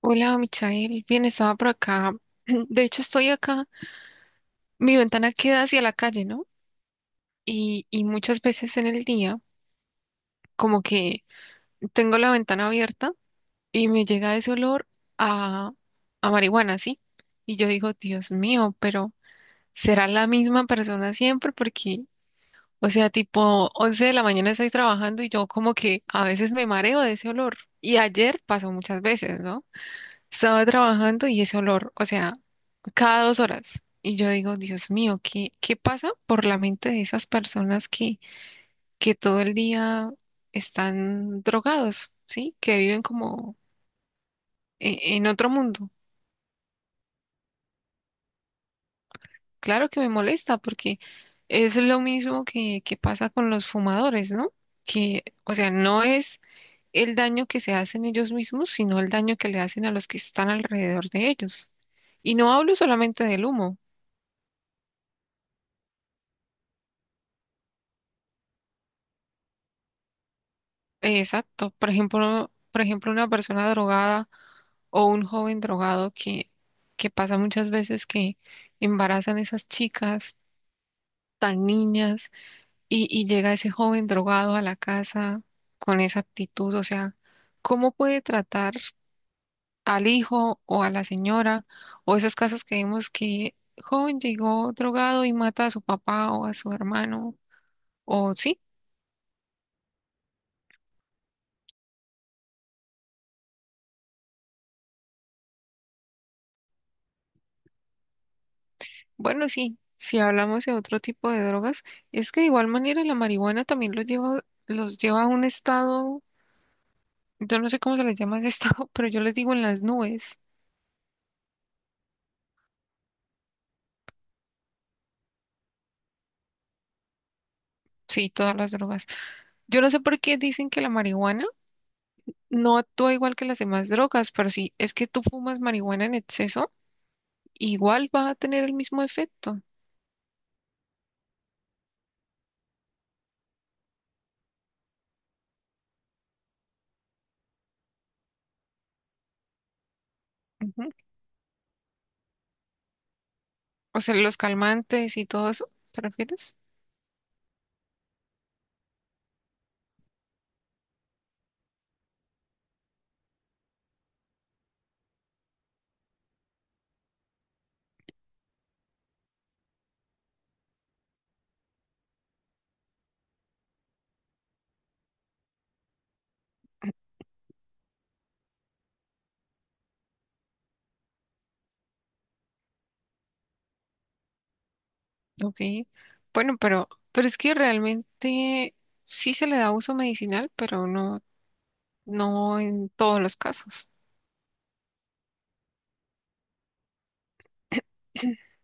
Hola, Michael. Bien, estaba por acá. De hecho, estoy acá. Mi ventana queda hacia la calle, ¿no? Y muchas veces en el día, como que tengo la ventana abierta y me llega ese olor a, a marihuana, ¿sí? Y yo digo, Dios mío, pero ¿será la misma persona siempre? Porque, o sea, tipo 11 de la mañana estoy trabajando y yo como que a veces me mareo de ese olor. Y ayer pasó muchas veces, ¿no? Estaba trabajando y ese olor, o sea, cada 2 horas. Y yo digo, Dios mío, ¿qué pasa por la mente de esas personas que todo el día están drogados, ¿sí? Que viven como en otro mundo. Claro que me molesta porque es lo mismo que pasa con los fumadores, ¿no? Que, o sea, no es el daño que se hacen ellos mismos, sino el daño que le hacen a los que están alrededor de ellos. Y no hablo solamente del humo. Exacto. Por ejemplo, una persona drogada o un joven drogado que pasa muchas veces que embarazan esas chicas tan niñas y llega ese joven drogado a la casa con esa actitud. O sea, ¿cómo puede tratar al hijo o a la señora o esos casos que vemos que joven llegó drogado y mata a su papá o a su hermano? O sí. Bueno, sí, si hablamos de otro tipo de drogas, es que de igual manera la marihuana también los lleva a un estado, yo no sé cómo se les llama ese estado, pero yo les digo en las nubes, sí, todas las drogas. Yo no sé por qué dicen que la marihuana no actúa igual que las demás drogas, pero sí, es que tú fumas marihuana en exceso, igual va a tener el mismo efecto. Ujú. O sea, los calmantes y todo eso, ¿te refieres? Ok. Bueno, pero es que realmente sí se le da uso medicinal, no en todos los casos.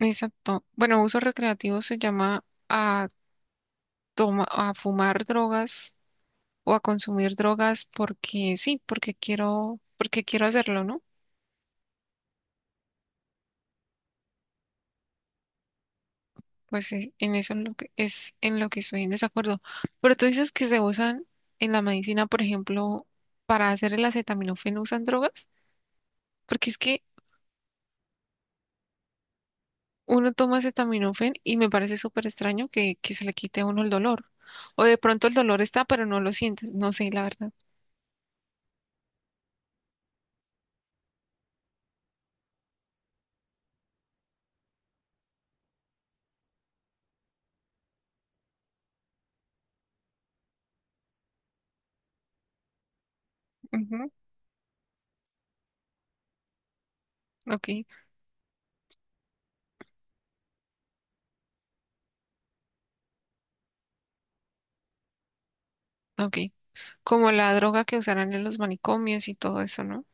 Exacto. Bueno, uso recreativo se llama a toma, a fumar drogas o a consumir drogas porque sí, porque quiero hacerlo, ¿no? Pues en eso es lo que es en lo que estoy en desacuerdo. Pero tú dices que se usan en la medicina, por ejemplo, para hacer el acetaminofén, ¿usan drogas? Porque es que uno toma acetaminofén y me parece súper extraño que se le quite a uno el dolor. O de pronto el dolor está, pero no lo sientes. No sé, la verdad. Ujú. Ok, ok. Como la droga que usarán en los manicomios y todo eso, ¿no?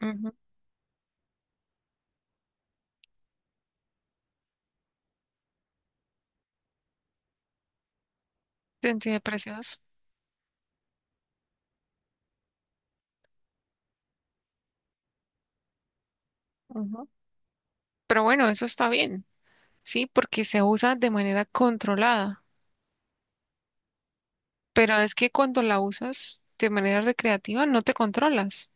Ujú, de antidepresivos. Ujú. Pero bueno, eso está bien, ¿sí? Porque se usa de manera controlada. Pero es que cuando la usas de manera recreativa no te controlas.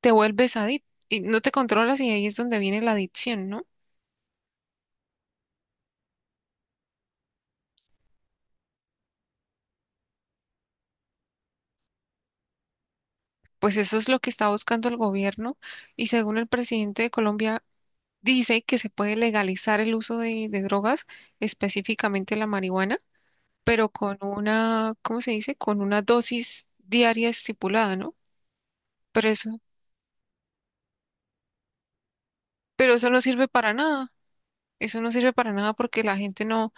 Te vuelves adicto y no te controlas y ahí es donde viene la adicción, ¿no? Pues eso es lo que está buscando el gobierno y según el presidente de Colombia dice que se puede legalizar el uso de drogas, específicamente la marihuana, pero con una, ¿cómo se dice? Con una dosis diaria estipulada, ¿no? Pero eso, pero eso no sirve para nada. Eso no sirve para nada porque la gente no,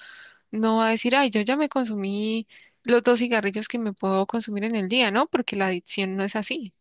no va a decir, ay, yo ya me consumí los 2 cigarrillos que me puedo consumir en el día, ¿no? Porque la adicción no es así.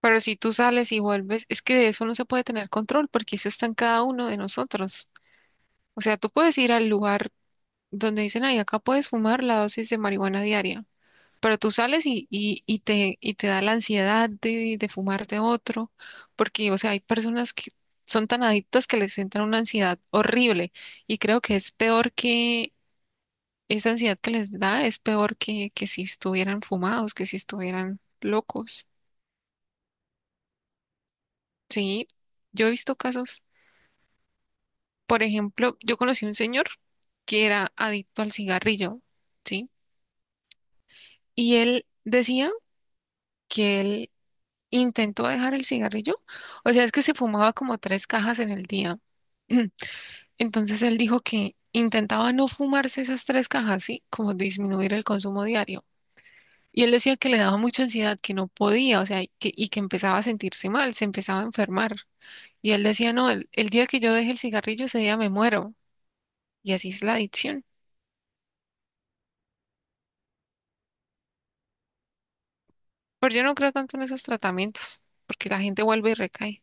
Pero si tú sales y vuelves, es que de eso no se puede tener control porque eso está en cada uno de nosotros. O sea, tú puedes ir al lugar donde dicen, ay, acá puedes fumar la dosis de marihuana diaria, pero tú sales y te da la ansiedad de fumarte otro, porque, o sea, hay personas que son tan adictas que les entra una ansiedad horrible y creo que es peor que esa ansiedad que les da, es peor que si estuvieran fumados, que si estuvieran locos. Sí, yo he visto casos. Por ejemplo, yo conocí un señor que era adicto al cigarrillo, ¿sí? Y él decía que él intentó dejar el cigarrillo, o sea, es que se fumaba como 3 cajas en el día. Entonces él dijo que intentaba no fumarse esas 3 cajas, ¿sí? Como disminuir el consumo diario. Y él decía que le daba mucha ansiedad, que no podía, o sea, y que empezaba a sentirse mal, se empezaba a enfermar. Y él decía, no, el día que yo deje el cigarrillo, ese día me muero. Y así es la adicción. Pero yo no creo tanto en esos tratamientos, porque la gente vuelve y recae.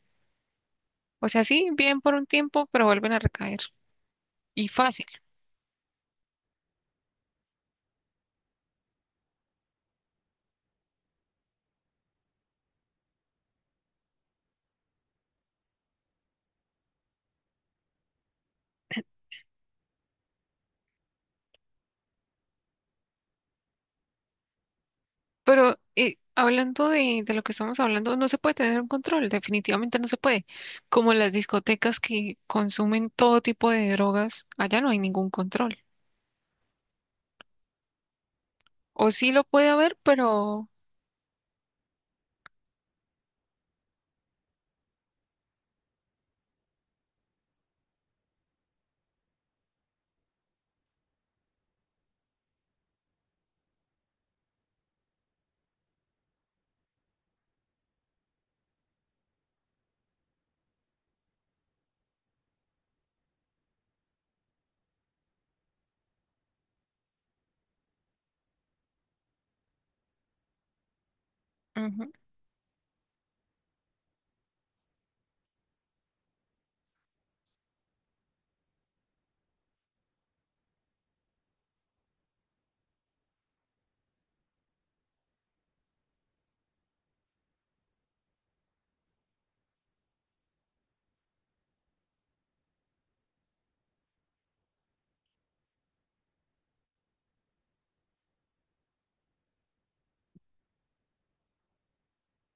O sea, sí, bien por un tiempo, pero vuelven a recaer. Y fácil. Pero hablando de lo que estamos hablando, no se puede tener un control, definitivamente no se puede. Como las discotecas que consumen todo tipo de drogas, allá no hay ningún control. O sí lo puede haber, pero... Ujú,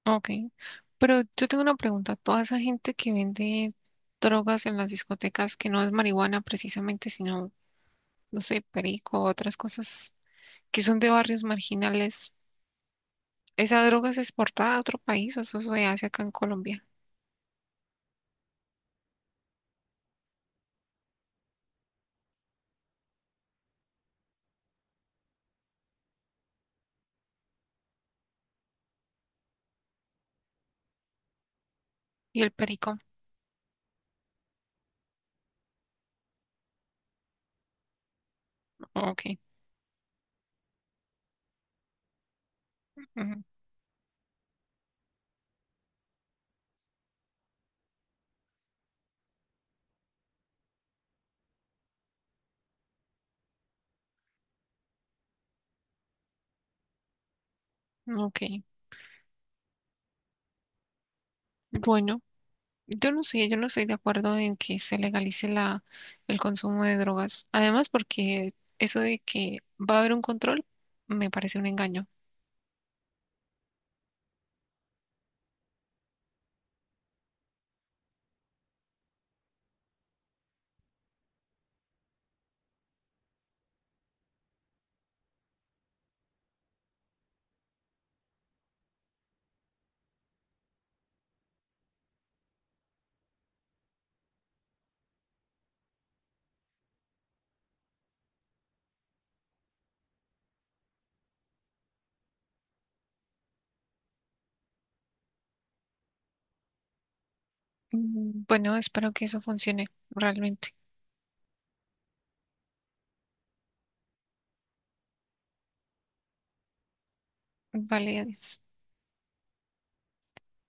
ok. Pero yo tengo una pregunta. Toda esa gente que vende drogas en las discotecas, que no es marihuana precisamente, sino no sé, perico, otras cosas que son de barrios marginales. ¿Esa droga se exporta a otro país o eso se hace acá en Colombia? ¿Y el perico? Ok, ujú, ok. Bueno, yo no sé, yo no estoy de acuerdo en que se legalice la, el consumo de drogas. Además, porque eso de que va a haber un control me parece un engaño. Mm, bueno, espero que eso funcione realmente. Vale, adiós.